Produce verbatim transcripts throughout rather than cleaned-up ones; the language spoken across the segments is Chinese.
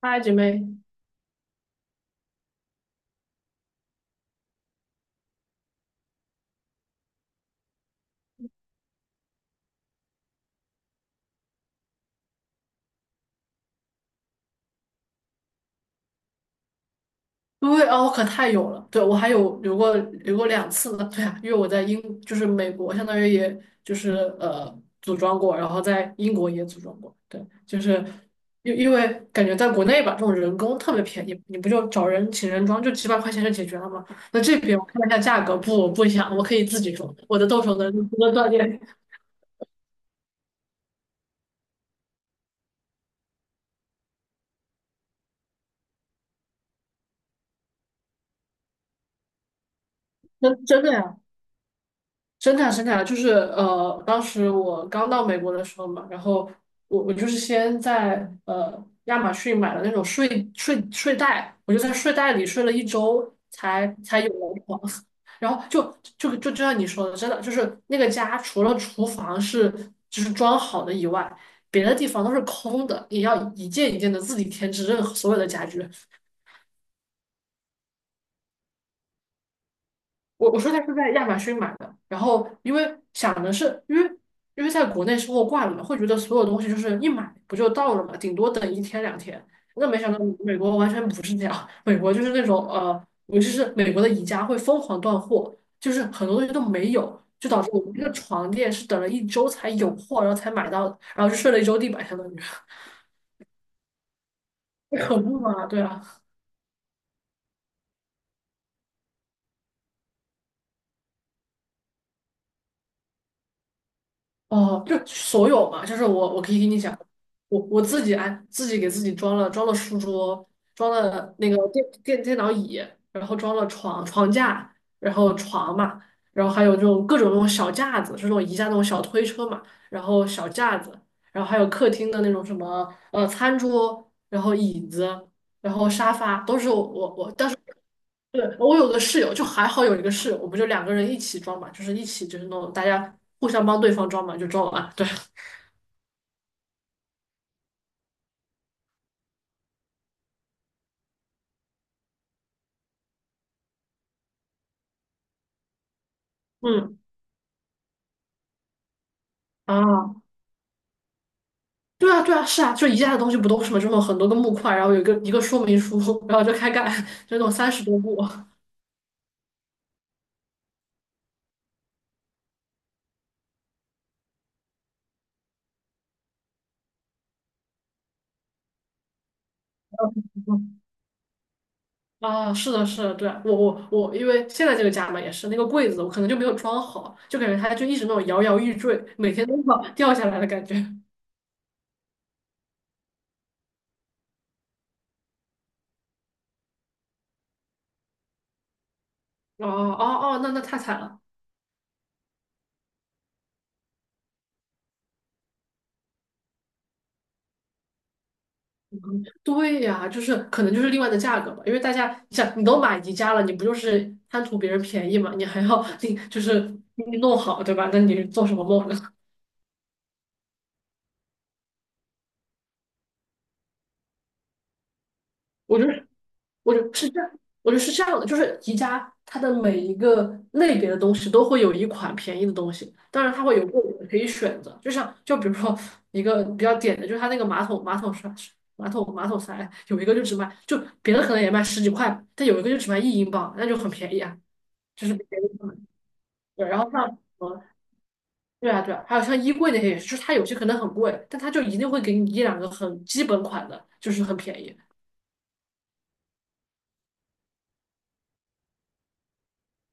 嗨，姐妹，对哦，可太有了。对，我还有留过留过两次呢。对呀，因为我在英，就是美国，相当于也就是呃组装过，然后在英国也组装过。对，就是因因为感觉在国内吧，这种人工特别便宜，你不就找人请人装，就几百块钱就解决了吗？那这边我看了一下价格，不，我不想，我可以自己装，我的动手能力不能锻炼，真真的呀。生产生产就是呃，当时我刚到美国的时候嘛，然后我我就是先在呃亚马逊买了那种睡睡睡袋，我就在睡袋里睡了一周才才有了床，然后就就就就像你说的，真的就是那个家除了厨房是就是装好的以外，别的地方都是空的，也要一件一件的自己添置任何所有的家具。我我说它是在亚马逊买的，然后因为想的是，因为因为在国内收货惯了嘛，会觉得所有东西就是一买不就到了嘛，顶多等一天两天。那没想到美国完全不是这样，美国就是那种呃，尤其是美国的宜家会疯狂断货，就是很多东西都没有，就导致我们这个床垫是等了一周才有货，然后才买到的，然后就睡了一周地板，相当于。 可恐怖啊。对啊。哦，就所有嘛，就是我，我可以给你讲。我我自己安自己给自己装了装了书桌，装了那个电电电脑椅，然后装了床床架，然后床嘛，然后还有这种各种那种小架子，就是那种宜家那种小推车嘛，然后小架子，然后还有客厅的那种什么呃餐桌，然后椅子，然后沙发，都是我我我，但是。对，我有个室友，就还好有一个室友，我们就两个人一起装嘛，就是一起就是那种大家互相帮对方装嘛，就装完。对。 嗯。啊，对啊对啊，是啊，就宜家的东西不都是嘛，这种很多个木块，然后有一个一个说明书，然后就开干，就那种三十多步。嗯。啊，是的，是的，对啊我我我，因为现在这个家嘛也是那个柜子，我可能就没有装好，就感觉它就一直那种摇摇欲坠，每天都要掉下来的感觉。哦哦哦，那那太惨了。对呀，就是可能就是另外的价格吧，因为大家你想，你都买宜家了，你不就是贪图别人便宜嘛？你还要你就是你弄好，对吧？那你做什么梦呢？我就是，我就是这样，我就是这样的，就是宜家它的每一个类别的东西都会有一款便宜的东西，当然它会有贵的可以选择，就像就比如说一个比较点的，就是它那个马桶马桶刷马桶马桶塞有一个就只卖，就别的可能也卖十几块，但有一个就只卖一英镑，那就很便宜啊，就是便宜。对，然后像呃，对啊对啊，还有像衣柜那些也是，就是它有些可能很贵，但它就一定会给你一两个很基本款的，就是很便宜。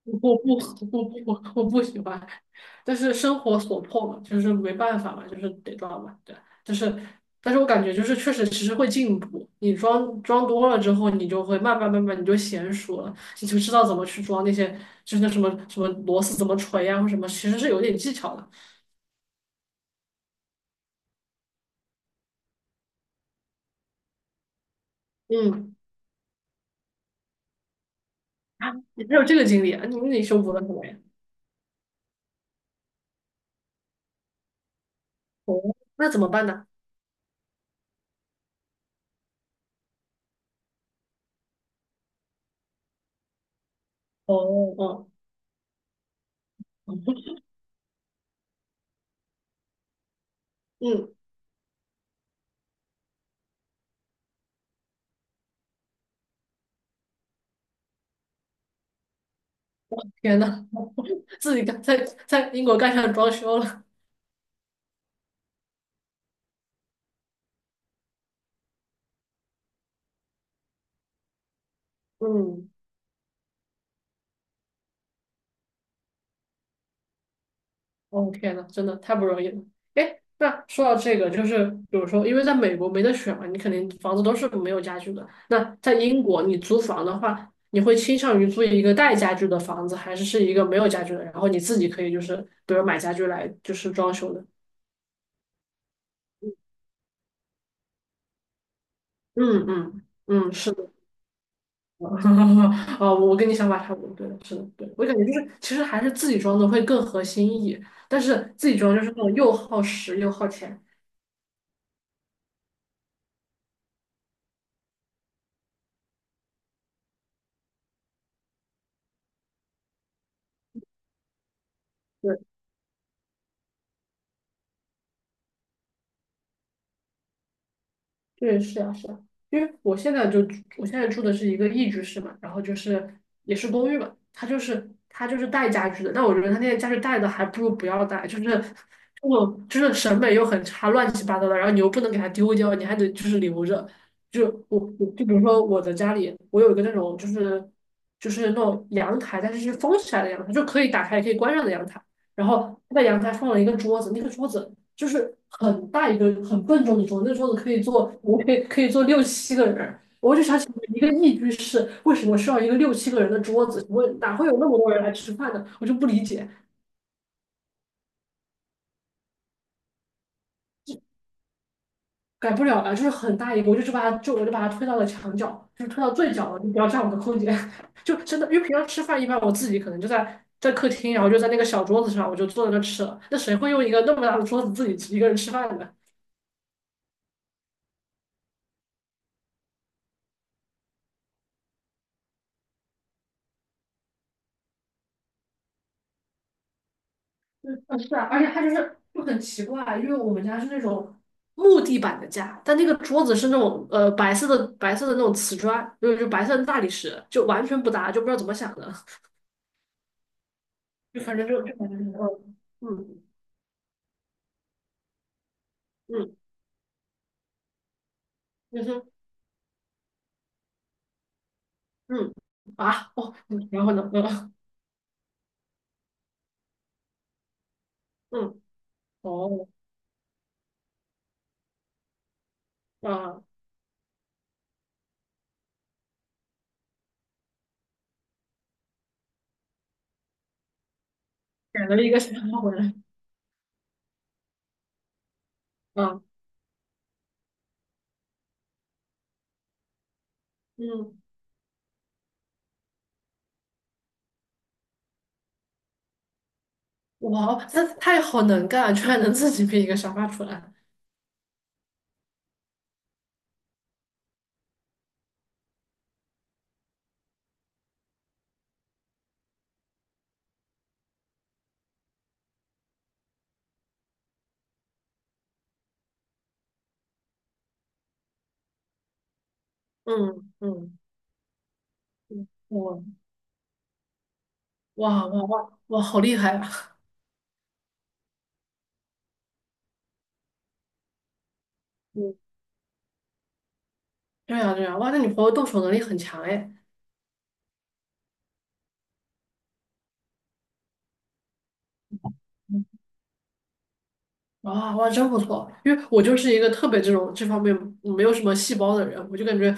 我不我不我我不喜欢，但是生活所迫嘛，就是没办法嘛，就是得装嘛，对，就是，但是我感觉就是确实其实会进步，你装装多了之后，你就会慢慢慢慢你就娴熟了，你就知道怎么去装那些，就是那什么什么螺丝怎么锤啊或什么，其实是有点技巧的。嗯。啊，你还有这个经历啊？你你修补了什么呀？哦，那怎么办呢？哦。哦。嗯。 天呐，自己干，在在英国干上装修了。嗯。哦，天呐，真的太不容易了。哎，那说到这个，就是比如说，因为在美国没得选嘛，你肯定房子都是没有家具的。那在英国，你租房的话，你会倾向于租一个带家具的房子，还是是一个没有家具的，然后你自己可以就是比如买家具来就是装修的？嗯嗯嗯，是的。啊，我跟你想法差不多，对，是的，对，我感觉就是，其实还是自己装的会更合心意，但是自己装就是那种又耗时又耗钱。对。对，是啊，是啊，因为我现在就我现在住的是一个一居室嘛，然后就是也是公寓嘛，它就是它就是带家具的，但我觉得它那些家具带的还不如不要带，就是这种就是审美又很差，乱七八糟的，然后你又不能给它丢掉，你还得就是留着。就我我就比如说我的家里，我有一个那种就是就是那种阳台，但是是封起来的阳台，就可以打开也可以关上的阳台，然后它在阳台放了一个桌子，那个桌子。就是很大一个很笨重的桌子，那个桌子可以坐，我可以可以坐六七个人。我就想起一个一居室，为什么需要一个六七个人的桌子？我哪会有那么多人来吃饭呢？我就不理解，改不了了。就是很大一个，我就只把它就我就把它推到了墙角，就是推到最角了，你不要占我的空间。就真的，因为平常吃饭一般我自己可能就在在客厅，然后就在那个小桌子上，我就坐在那吃了。那谁会用一个那么大的桌子自己一个人吃饭呢？嗯，是啊，而且它就是就很奇怪，因为我们家是那种木地板的家，但那个桌子是那种呃白色的白色的那种瓷砖，就是白色的大理石，就完全不搭，就不知道怎么想的。就反正就就感觉是。嗯，嗯嗯哼。嗯。啊。哦。嗯，然后呢？嗯。嗯。哦。啊，改了一个沙发回来。啊。嗯。哇哦，他他也好能干啊，居然能自己编一个沙发出来。嗯嗯嗯。哇哇哇哇哇，好厉害啊！嗯，对样对样，哇，那你朋友动手能力很强哎。哇哇，真不错。因为我就是一个特别这种这方面没有什么细胞的人，我就感觉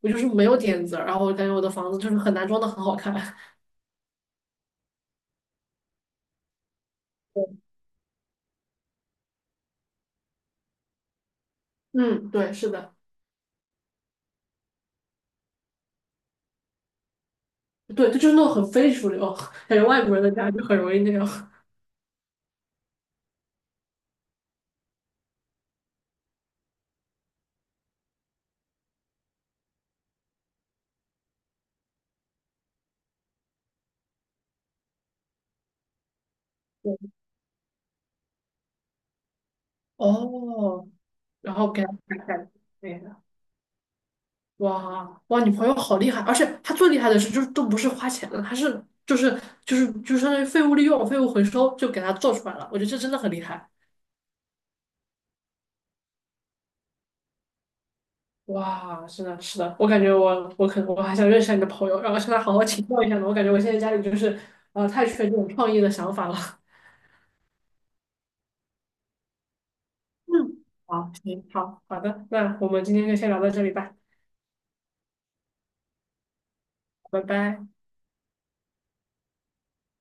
我就是没有点子，然后我感觉我的房子就是很难装的很好看。嗯，对，是的，对，就是那种很非主流，感觉外国人的家就很容易那样。对哦，然后给他改改，对。哇哇，你朋友好厉害，而且他最厉害的是，就是都不是花钱的，他是就是就是就是相当于废物利用、废物回收，就给他做出来了。我觉得这真的很厉害。哇，是的，是的，我感觉我我可能我还想认识下你的朋友，然后向他好好请教一下呢。我感觉我现在家里就是呃太缺这种创意的想法了。嗯，好，行，好，好的，那我们今天就先聊到这里吧，拜拜。